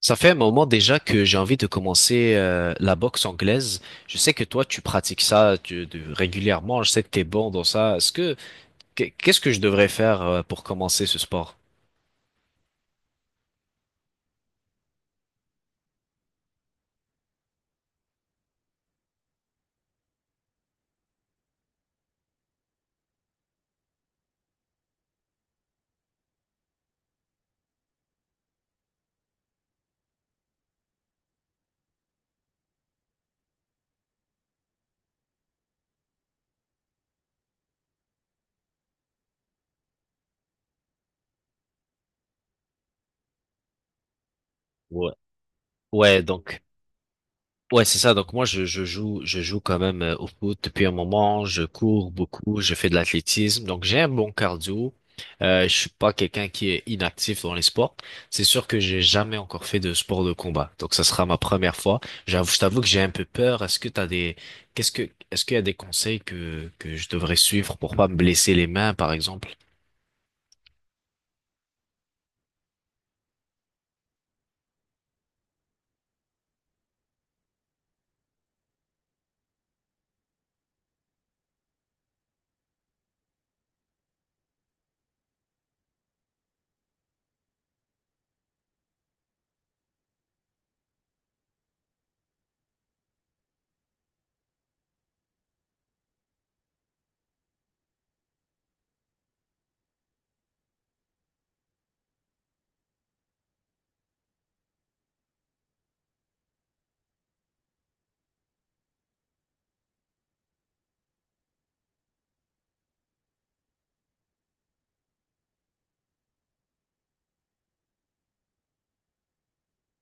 Ça fait un moment déjà que j'ai envie de commencer la boxe anglaise. Je sais que toi, tu pratiques ça régulièrement. Je sais que t'es bon dans ça. Est-ce que qu'est- ce que je devrais faire pour commencer ce sport? Ouais. Ouais, donc. Ouais, c'est ça. Donc moi, je joue quand même au foot depuis un moment. Je cours beaucoup, je fais de l'athlétisme, donc j'ai un bon cardio. Je suis pas quelqu'un qui est inactif dans les sports. C'est sûr que j'ai jamais encore fait de sport de combat, donc ça sera ma première fois. J'avoue, je t'avoue que j'ai un peu peur. Est-ce qu'il y a des conseils que je devrais suivre pour pas me blesser les mains, par exemple?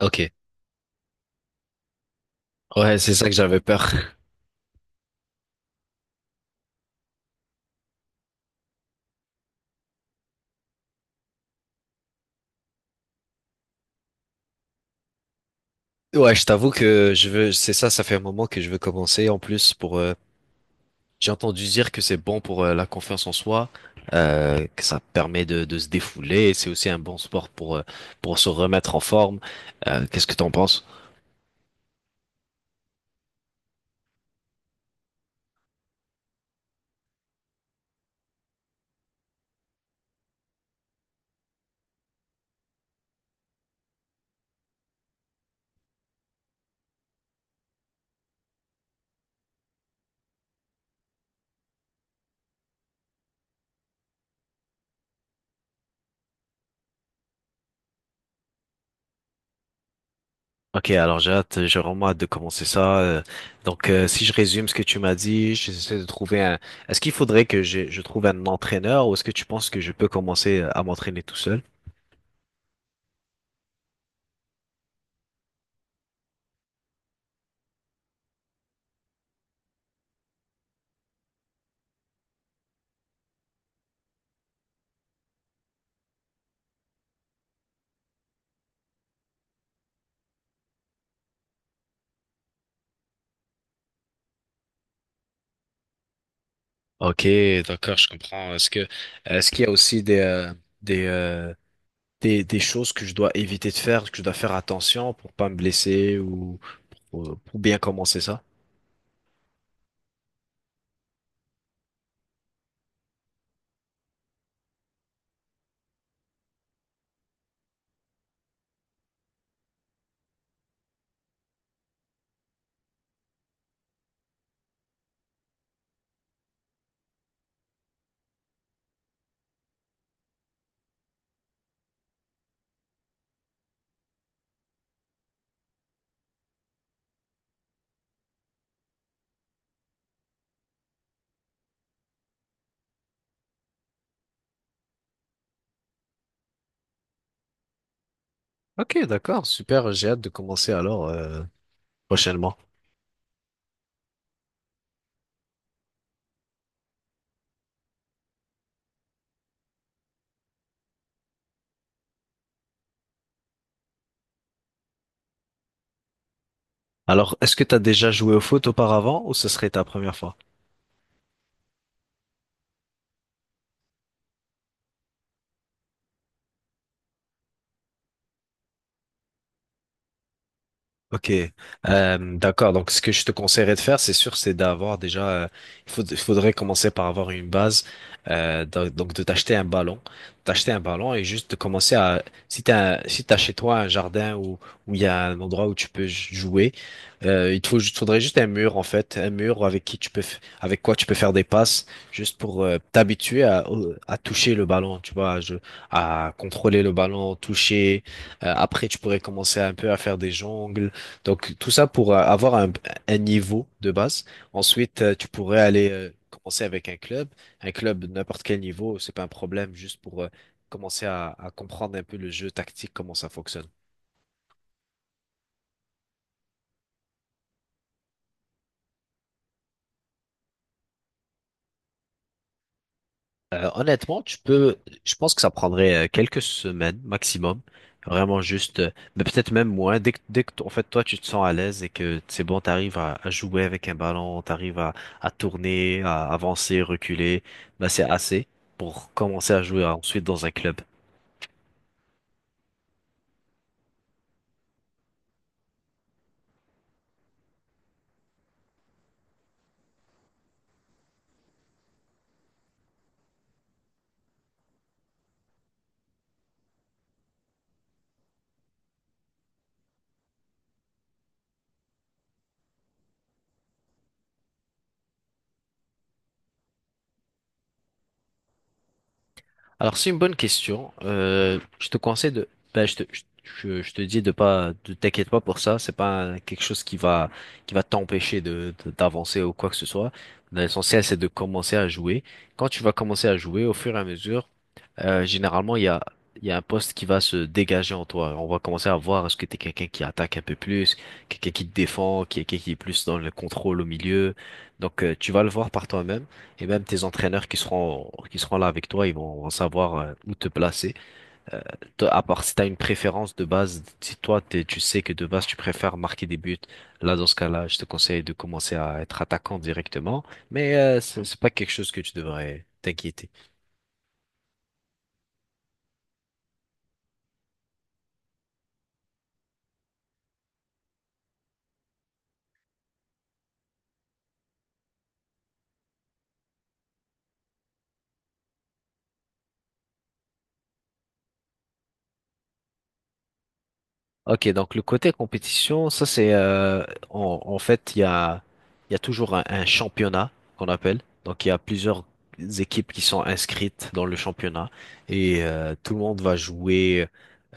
Ok. Ouais, c'est ça que j'avais peur. Ouais, je t'avoue que je veux, c'est ça, ça fait un moment que je veux commencer en plus pour. J'ai entendu dire que c'est bon pour la confiance en soi, que ça permet de se défouler. C'est aussi un bon sport pour se remettre en forme. Qu'est-ce que t'en penses? Ok, alors j'ai hâte, j'ai vraiment hâte de commencer ça. Donc, si je résume ce que tu m'as dit, j'essaie de trouver un. Est-ce qu'il faudrait que je trouve un entraîneur ou est-ce que tu penses que je peux commencer à m'entraîner tout seul? Ok, d'accord, je comprends. Est-ce qu'il y a aussi des euh, des choses que je dois éviter de faire, que je dois faire attention pour pas me blesser ou pour bien commencer ça? Ok, d'accord, super, j'ai hâte de commencer alors prochainement. Alors, est-ce que tu as déjà joué au foot auparavant ou ce serait ta première fois? Ok, d'accord. Donc, ce que je te conseillerais de faire, c'est sûr, c'est d'avoir déjà. Il faudrait commencer par avoir une base. Donc, de t'acheter un ballon et juste de commencer à. Si si t'as chez toi un jardin où il y a un endroit où tu peux jouer, il te faut, faudrait juste un mur en fait, un mur avec qui tu peux, avec quoi tu peux faire des passes, juste pour t'habituer à toucher le ballon, tu vois, à contrôler le ballon, toucher. Après, tu pourrais commencer un peu à faire des jongles donc, tout ça pour avoir un niveau de base. Ensuite, tu pourrais aller commencer avec un club. Un club, de n'importe quel niveau, c'est pas un problème, juste pour commencer à comprendre un peu le jeu tactique, comment ça fonctionne. Honnêtement, je pense que ça prendrait quelques semaines maximum, vraiment juste, mais peut-être même moins. En fait, toi, tu te sens à l'aise et que c'est bon, t'arrives à jouer avec un ballon, à tourner, à avancer, reculer, bah c'est assez pour commencer à jouer ensuite dans un club. Alors c'est une bonne question. Je te conseille de, ben, je te dis de pas, de t'inquiète pas pour ça. C'est pas quelque chose qui va t'empêcher d'avancer ou quoi que ce soit. L'essentiel c'est de commencer à jouer. Quand tu vas commencer à jouer, au fur et à mesure, généralement, il y a un poste qui va se dégager en toi. On va commencer à voir est-ce que t'es quelqu'un qui attaque un peu plus, quelqu'un qui te défend, quelqu'un qui est plus dans le contrôle au milieu. Donc, tu vas le voir par toi-même et même tes entraîneurs qui seront là avec toi, vont savoir où te placer. Toi, à part si t'as une préférence de base, si toi, tu sais que de base, tu préfères marquer des buts, là, dans ce cas-là, je te conseille de commencer à être attaquant directement. Mais c'est pas quelque chose que tu devrais t'inquiéter. Ok, donc le côté compétition, ça c'est en fait il y a toujours un championnat qu'on appelle. Donc il y a plusieurs équipes qui sont inscrites dans le championnat et tout le monde va jouer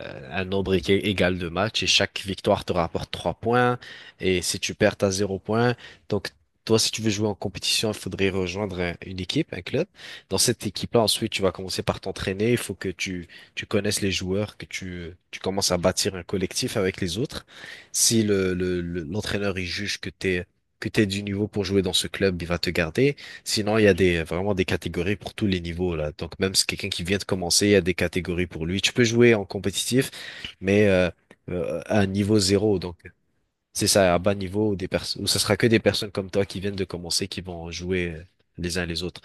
un nombre égal de matchs et chaque victoire te rapporte 3 points et si tu perds t'as 0 point. Donc toi si tu veux jouer en compétition, il faudrait rejoindre une équipe, un club. Dans cette équipe-là, ensuite tu vas commencer par t'entraîner. Il faut que tu connaisses les joueurs, que tu commences à bâtir un collectif avec les autres. Si l'entraîneur il juge que t'es du niveau pour jouer dans ce club, il va te garder. Sinon, il y a des vraiment des catégories pour tous les niveaux là. Donc même si quelqu'un qui vient de commencer, il y a des catégories pour lui. Tu peux jouer en compétitif, mais à un niveau zéro. Donc c'est ça, à bas niveau où des personnes où ce sera que des personnes comme toi qui viennent de commencer qui vont jouer les uns les autres.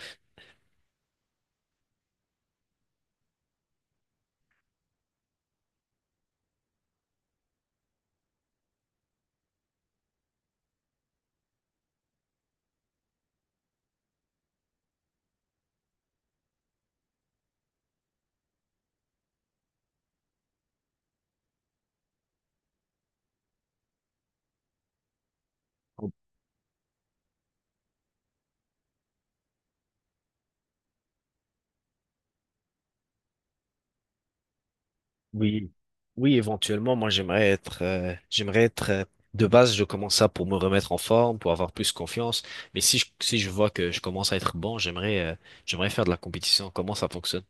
Oui, oui, éventuellement, moi j'aimerais être de base, je commence ça pour me remettre en forme, pour avoir plus confiance. Mais si je vois que je commence à être bon, j'aimerais faire de la compétition. Comment ça fonctionne?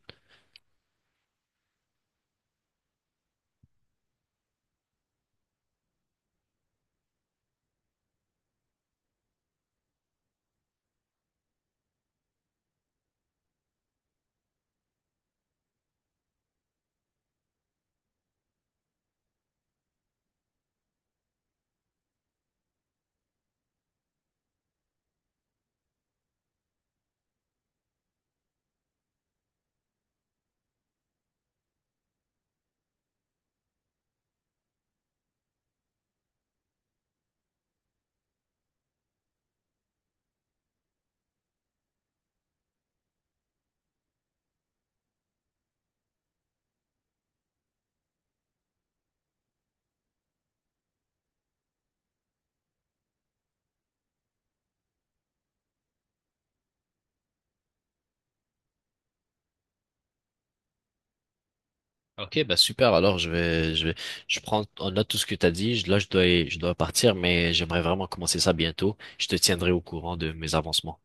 Ok, bah super. Alors je prends en note tout ce que t'as dit. Là, je dois partir, mais j'aimerais vraiment commencer ça bientôt. Je te tiendrai au courant de mes avancements.